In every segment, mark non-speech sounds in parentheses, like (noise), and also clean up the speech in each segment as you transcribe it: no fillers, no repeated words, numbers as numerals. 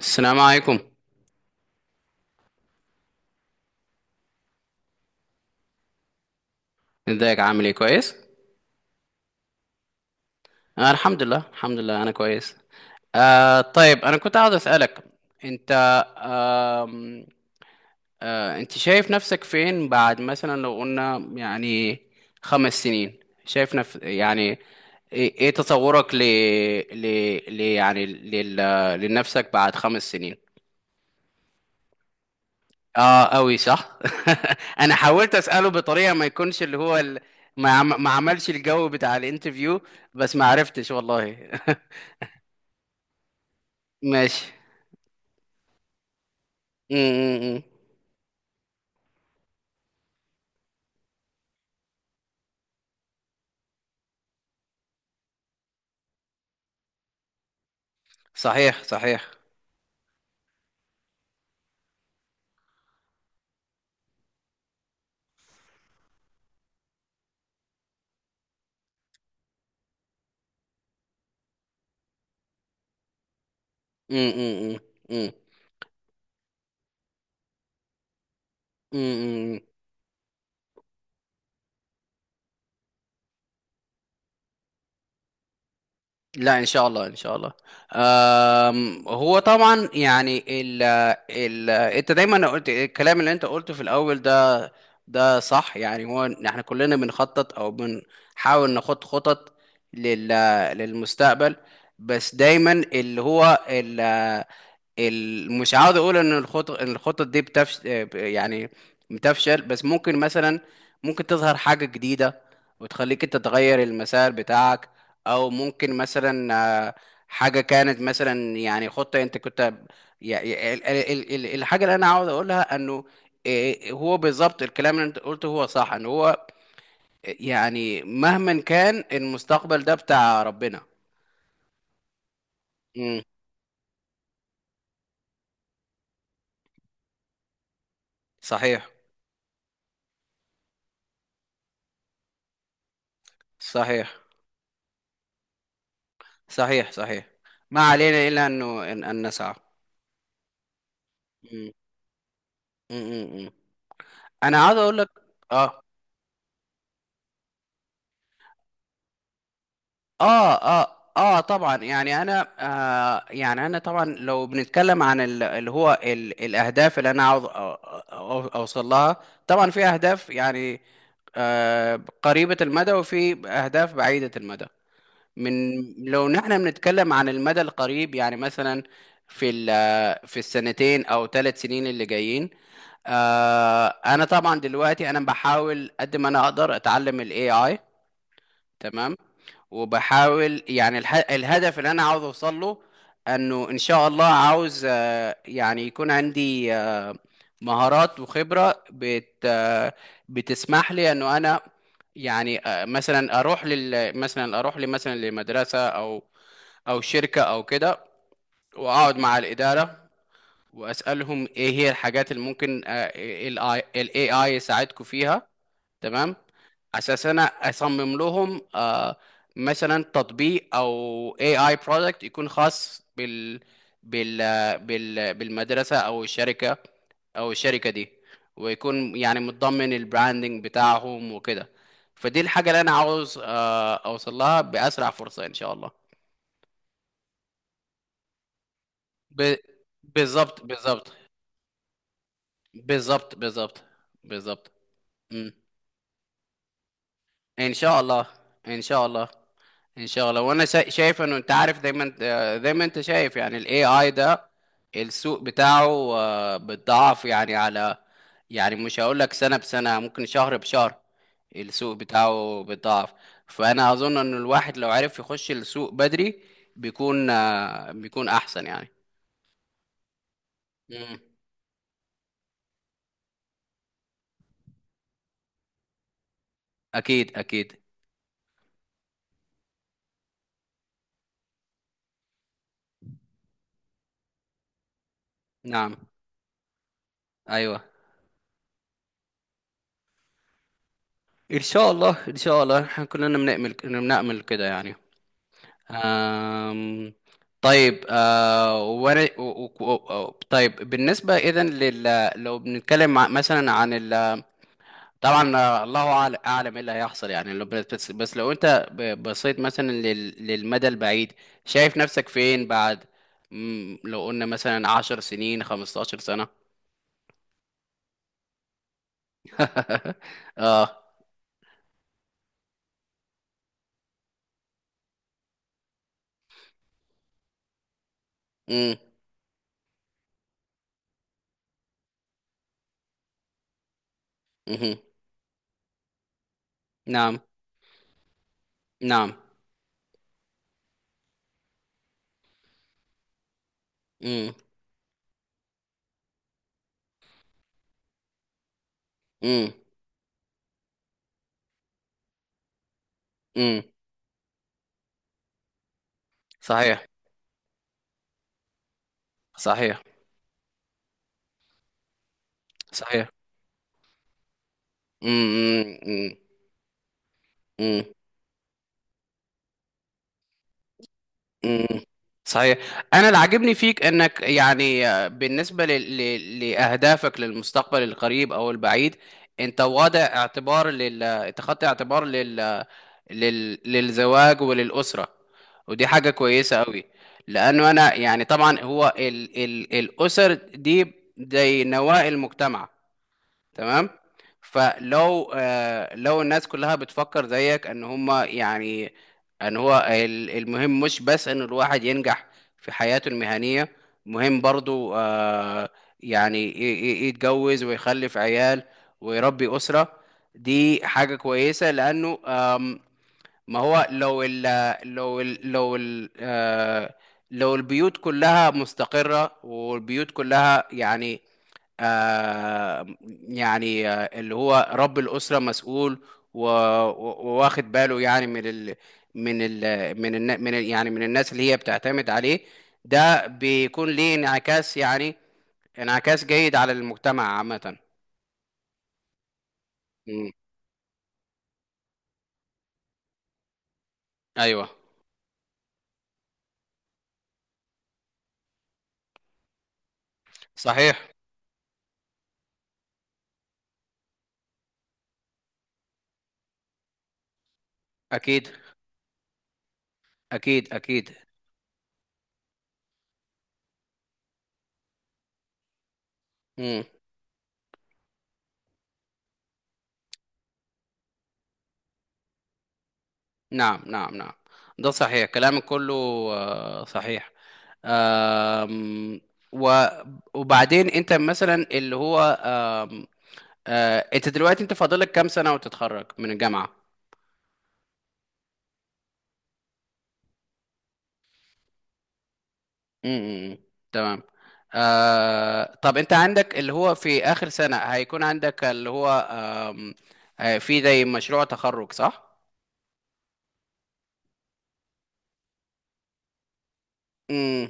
السلام عليكم. ازيك، عامل ايه؟ كويس. انا الحمد لله الحمد لله انا كويس. طيب انا كنت عاوز اسالك. انت آم، آه انت شايف نفسك فين بعد مثلا لو قلنا يعني 5 سنين؟ شايف نف يعني إيه تصورك ل ل ل يعني لل لنفسك بعد 5 سنين. اه قوي، صح. (laughs) انا حاولت اساله بطريقه ما يكونش اللي هو ما عملش الجو بتاع الانترفيو، بس ما عرفتش والله. (laughs) ماشي. م -م -م. صحيح صحيح. م -م -م. م -م -م. لا، ان شاء الله ان شاء الله. هو طبعا يعني ال ال انت دايما قلت الكلام اللي انت قلته في الاول ده. ده صح، يعني هو إن احنا كلنا بنخطط او بنحاول نخط خطط لل للمستقبل. بس دايما اللي هو مش عاوز اقول ان الخطط دي يعني بتفشل، بس ممكن مثلا ممكن تظهر حاجة جديدة وتخليك انت تغير المسار بتاعك. او ممكن مثلا آه، حاجة كانت مثلا يعني خطة انت كنت. الحاجة اللي انا عاوز اقولها انه هو بالظبط الكلام اللي انت قلته هو صح، ان هو يعني مهما كان المستقبل ده بتاع ربنا. مم. صحيح صحيح صحيح صحيح. ما علينا الا أن نسعى. مم. مم. مم. انا عاوز اقول لك. اه اه اه طبعا يعني انا. يعني انا طبعا لو بنتكلم عن اللي هو الاهداف اللي انا عاوز اوصل لها. طبعا في اهداف يعني قريبة المدى، وفي اهداف بعيدة المدى. من لو نحن بنتكلم عن المدى القريب، يعني مثلا في ال- آه، في السنتين او 3 سنين اللي جايين. انا طبعا دلوقتي انا بحاول قد ما انا اقدر اتعلم الاي اي. تمام. وبحاول يعني الهدف اللي انا عاوز اوصل له انه ان شاء الله عاوز يعني يكون عندي مهارات وخبرة بت... آه، بتسمح لي انه انا يعني مثلا اروح لي مثلا لمدرسة او شركة او كده، واقعد مع الإدارة واسألهم ايه هي الحاجات اللي ممكن الاي AI يساعدكم فيها. تمام، اساس انا اصمم لهم مثلا تطبيق او اي اي برودكت يكون خاص بال بالمدرسه او الشركه او الشركه دي، ويكون يعني متضمن البراندنج بتاعهم وكده. فدي الحاجه اللي انا عاوز اوصل لها باسرع فرصه ان شاء الله. ب... بالظبط بالظبط، بالظبط بالظبط بالظبط. ان شاء الله ان شاء الله ان شاء الله. وانا شايف انه انت عارف دايما، زي ما انت شايف يعني الاي اي ده، السوق بتاعه بيتضاعف يعني. على يعني مش هقول لك سنة بسنة، ممكن شهر بشهر، السوق بتاعه بيتضاعف. فانا اظن ان الواحد لو عرف يخش السوق بدري، بيكون بيكون احسن يعني. مم. اكيد اكيد. نعم. ايوه. ان شاء الله ان شاء الله، احنا كلنا بنأمل كده يعني. آم، طيب آه وانا و- و- و- طيب بالنسبة اذا لو بنتكلم مثلا عن طبعا الله اعلم ايه اللي هيحصل يعني لو بس لو انت بصيت مثلا للمدى البعيد. شايف نفسك فين بعد، لو قلنا مثلا 10 سنين 15 سنة؟ (laughs) اه. امم. مهم. نعم نعم. امم امم امم. صحيح صحيح صحيح. امم امم. مم. صحيح. انا اللي عاجبني فيك انك يعني بالنسبه لاهدافك للمستقبل القريب او البعيد، انت واضع اعتبار لل اتخذت اعتبار للزواج وللاسره، ودي حاجه كويسه قوي. لانه انا يعني طبعا هو الاسر دي زي نواة المجتمع. تمام. فلو آه لو الناس كلها بتفكر زيك، ان هما يعني ان هو المهم مش بس ان الواحد ينجح في حياته المهنية، مهم برضو يعني يتجوز ويخلف عيال ويربي أسرة. دي حاجة كويسة لأنه، ما هو لو ال لو ال لو ال آه لو البيوت كلها مستقرة، والبيوت كلها يعني آه اللي هو رب الأسرة مسؤول وواخد باله يعني من ال من ال من ال من ال يعني من الناس اللي هي بتعتمد عليه، ده بيكون ليه انعكاس، يعني انعكاس جيد على المجتمع عامة. مم. ايوه. صحيح. اكيد اكيد اكيد. مم. نعم نعم نعم. ده صحيح كلامك كله، صحيح. آم، و- وبعدين انت مثلا اللي هو انت دلوقتي انت فاضلك كام سنة وتتخرج من الجامعة؟ امم. تمام. طب انت عندك اللي هو في اخر سنة هيكون عندك اللي هو آم، آه، في زي مشروع تخرج، صح؟ امم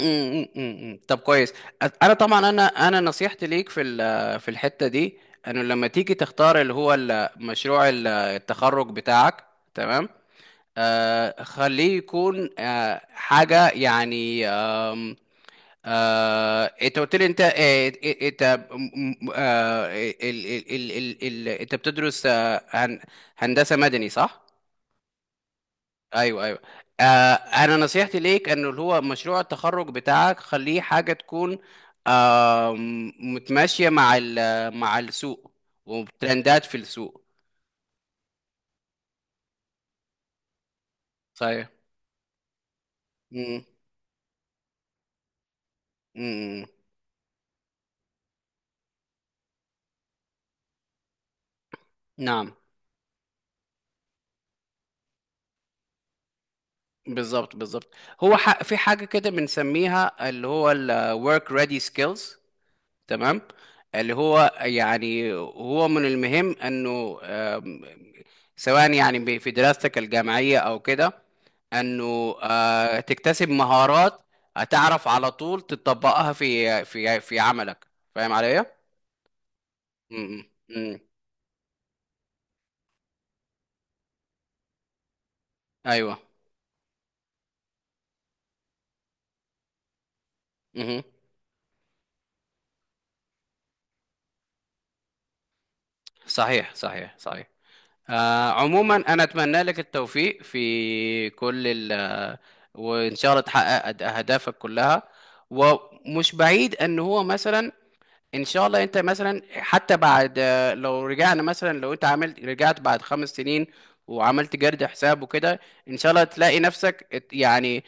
امم. طب كويس. انا طبعا انا انا نصيحتي ليك في في الحتة دي، انه لما تيجي تختار اللي هو مشروع التخرج بتاعك. تمام. خليه يكون حاجة يعني. انت قلت لي انت انت انت بتدرس هندسة مدني، صح؟ ايوه ايوه. انا نصيحتي ليك انه اللي هو مشروع التخرج بتاعك خليه حاجة تكون متماشية مع مع السوق وترندات في السوق. صحيح. مم. مم. نعم. بالظبط بالظبط. هو في حاجة كده بنسميها اللي هو ال work ready skills. تمام. اللي هو يعني هو من المهم انه، سواء يعني في دراستك الجامعية او كده، انه تكتسب مهارات هتعرف على طول تطبقها في عملك. فاهم عليا؟ م- م- م. ايوه. مه. صحيح صحيح صحيح. عموما انا اتمنى لك التوفيق في كل ال وان شاء الله تحقق اهدافك كلها. ومش بعيد ان هو مثلا، ان شاء الله انت مثلا حتى بعد، لو رجعنا مثلا لو انت رجعت بعد 5 سنين وعملت جرد حساب وكده، ان شاء الله تلاقي نفسك يعني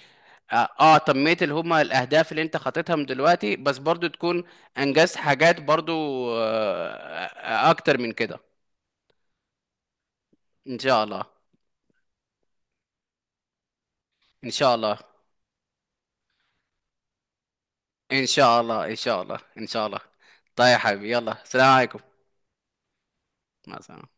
تميت اللي هما الاهداف اللي انت خطيتها من دلوقتي، بس برضو تكون انجزت حاجات برضو آه، اكتر من كده. ان شاء الله ان شاء الله ان شاء الله ان شاء الله ان شاء الله. طيب يا حبيبي، يلا سلام عليكم. مع السلامة.